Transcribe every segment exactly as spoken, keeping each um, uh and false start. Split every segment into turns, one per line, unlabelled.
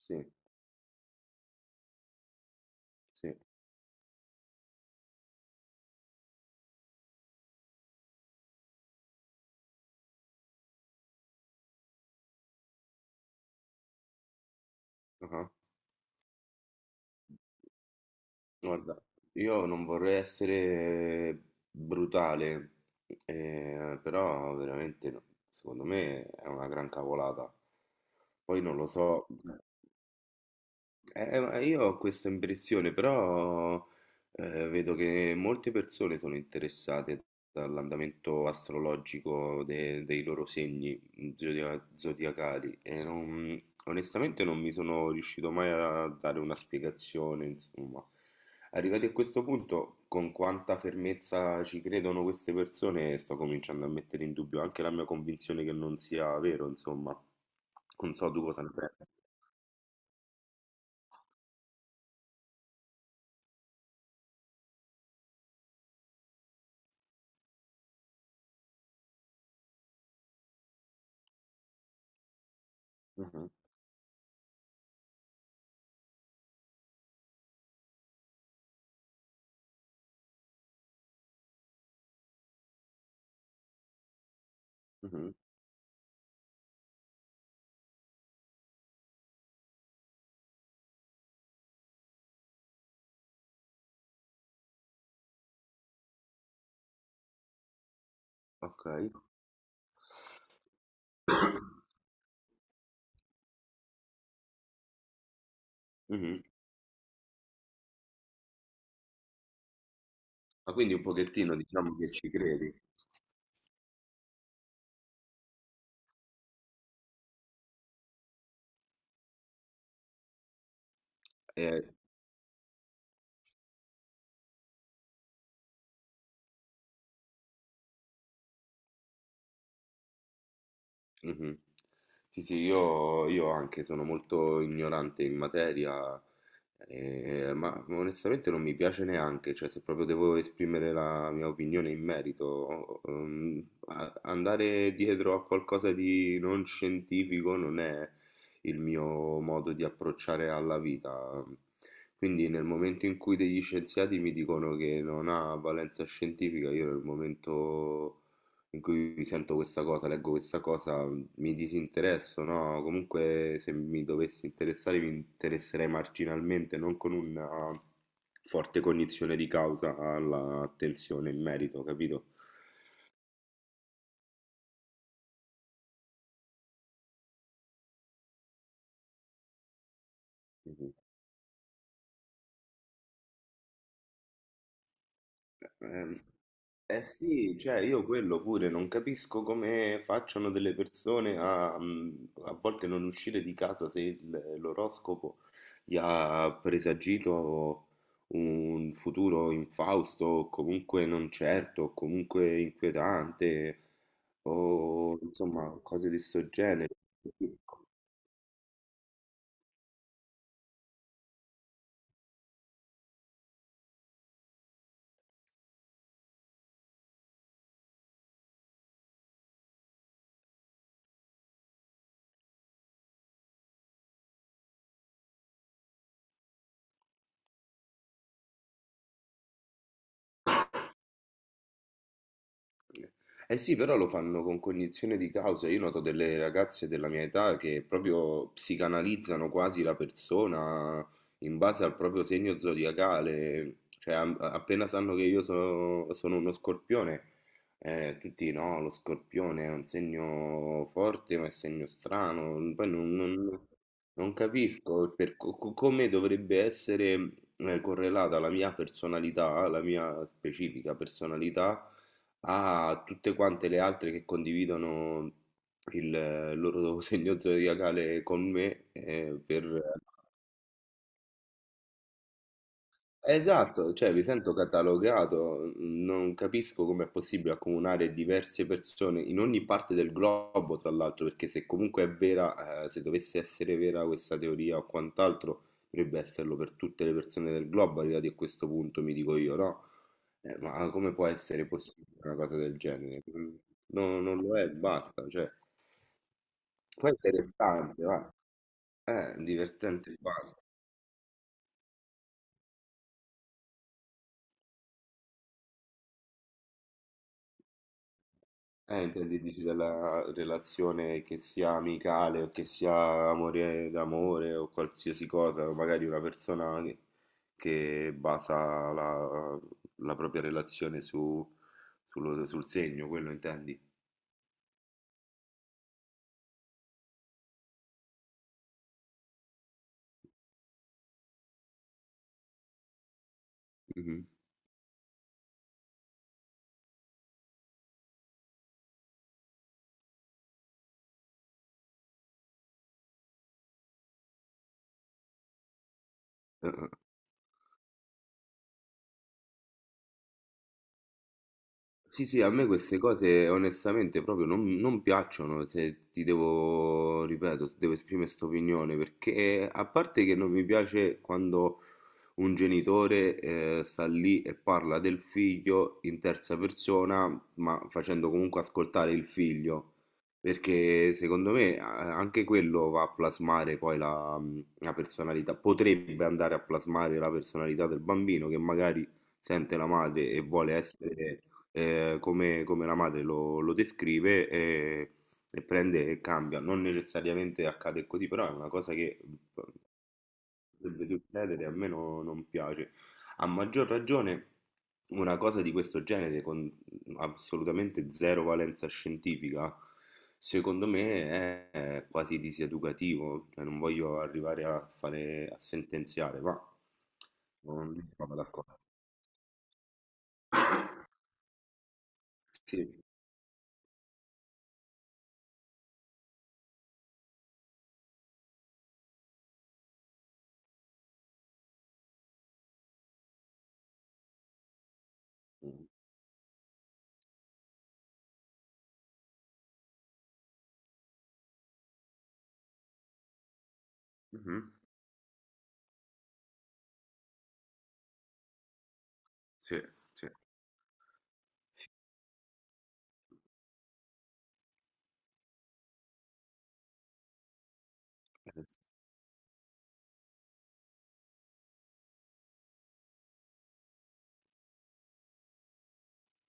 Sì, sì. Ah-ah. Guarda, io non vorrei essere brutale, eh, però veramente no- secondo me è una gran cavolata. Poi non lo so. Eh, ma io ho questa impressione, però eh, vedo che molte persone sono interessate dall'andamento astrologico de- dei loro segni mm, zodia- zodiacali e non- onestamente non mi sono riuscito mai a dare una spiegazione, insomma. Arrivati a questo punto, con quanta fermezza ci credono queste persone, sto cominciando a mettere in dubbio anche la mia convinzione che non sia vero, insomma. Non so tu cosa ne pensi. Mhm, mhm. Okay. Mh-mh. Ma quindi un pochettino diciamo che ci credi. E mhm. Sì, sì, io, io anche sono molto ignorante in materia, eh, ma onestamente non mi piace neanche, cioè se proprio devo esprimere la mia opinione in merito, ehm, a- andare dietro a qualcosa di non scientifico non è il mio modo di approcciare alla vita. Quindi nel momento in cui degli scienziati mi dicono che non ha valenza scientifica, io nel momento in cui sento questa cosa, leggo questa cosa, mi disinteresso, no? Comunque se mi dovessi interessare mi interesserei marginalmente, non con una forte cognizione di causa all'attenzione in merito, capito? Mhm. Ehm, Eh sì, cioè io quello pure non capisco come facciano delle persone a, mhmm, a volte non uscire di casa se il- l'oroscopo gli ha presagito un futuro infausto, o comunque non certo, o comunque inquietante, o insomma cose di sto genere. Eh sì, però lo fanno con cognizione di causa. Io noto delle ragazze della mia età che proprio psicanalizzano quasi la persona in base al proprio segno zodiacale. Cioè, a- appena sanno che io so- sono uno scorpione, eh, tutti no, lo scorpione è un segno forte, ma è segno strano. Poi non, non- non capisco il perco- co- come dovrebbe essere eh, correlata la mia personalità, la mia specifica personalità a tutte quante le altre che condividono il eh, loro segno zodiacale con me eh, per esatto, cioè mi sento catalogato, non capisco come è possibile accomunare diverse persone in ogni parte del globo, tra l'altro, perché se comunque è vera, eh, se dovesse essere vera questa teoria o quant'altro, dovrebbe esserlo per tutte le persone del globo, arrivati a questo punto, mi dico io, no? Eh, ma come può essere possibile una cosa del genere? Mm, no- non lo è, basta, cioè, poi è interessante, va, è divertente, va. Eh, intendi dici della relazione che sia amicale o che sia amore d'amore o qualsiasi cosa, o magari una persona che, che basa la, la propria relazione su, sullo- sul segno, quello intendi? Mhm. Sì, sì, a me queste cose onestamente proprio non, non piacciono, se ti devo, ripeto, se devo esprimere questa opinione, perché a parte che non mi piace quando un genitore eh, sta lì e parla del figlio in terza persona, ma facendo comunque ascoltare il figlio, perché secondo me eh, anche quello va a plasmare poi la, la personalità, potrebbe andare a plasmare la personalità del bambino che magari sente la madre e vuole essere eh, come, come la madre lo, lo descrive e, e prende e cambia. Non necessariamente accade così, però è una cosa che mm, potrebbe succedere, a me no- non piace. A maggior ragione una cosa di questo genere con mm, assolutamente zero valenza scientifica, secondo me è quasi diseducativo, cioè non voglio arrivare a fare a sentenziare, ma non sono d'accordo. Sì. Mhm. Sì, sì.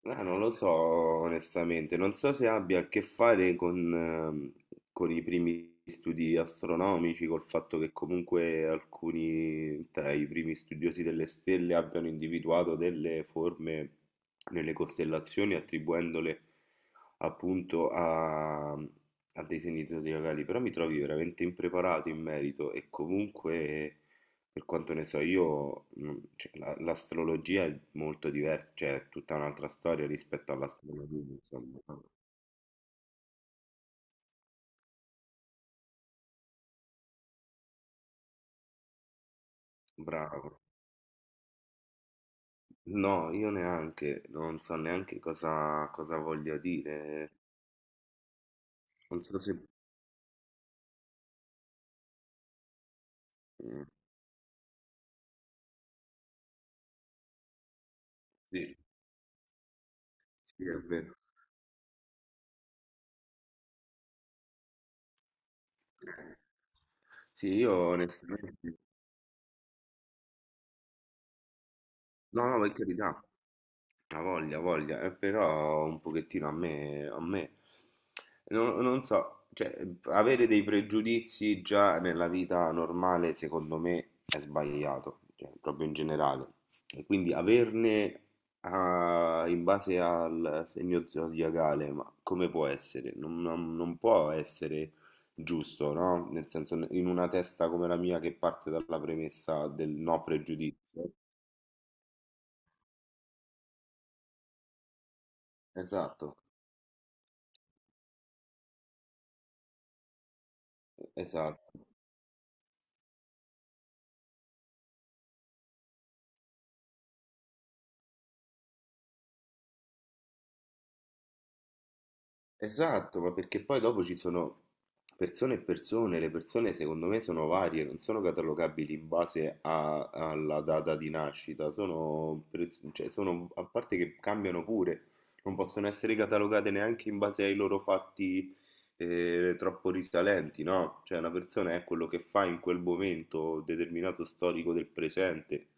Eh, non lo so onestamente, non so se abbia a che fare con, ehm, con i primi studi astronomici, col fatto che comunque alcuni tra i primi studiosi delle stelle abbiano individuato delle forme nelle costellazioni attribuendole appunto a, a dei scenizzatori locali, però mi trovi veramente impreparato in merito e comunque per quanto ne so io, mm, cioè, la- l'astrologia è molto diversa, cioè è tutta un'altra storia rispetto all'astronomia, insomma. Bravo. No, io neanche, non so neanche cosa, cosa voglia dire. Non so se... mm, sì, sì, è vero. Sì, io onestamente... No, no, per carità. Ha voglia, ha voglia, eh, però un pochettino a me, a me, non, non so, cioè, avere dei pregiudizi già nella vita normale, secondo me, è sbagliato, cioè, proprio in generale. E quindi averne ah, in base al segno zodiacale, ma come può essere? Non, non- non può essere giusto, no? Nel senso, in una testa come la mia che parte dalla premessa del no pregiudizio. Esatto, esatto. Esatto, ma perché poi dopo ci sono persone e persone, le persone secondo me sono varie, non sono catalogabili in base a- alla data di nascita, sono, per- cioè, sono- a parte che cambiano pure, non possono essere catalogate neanche in base ai loro fatti eh, troppo risalenti, no? Cioè una persona è quello che fa in quel momento determinato storico del presente.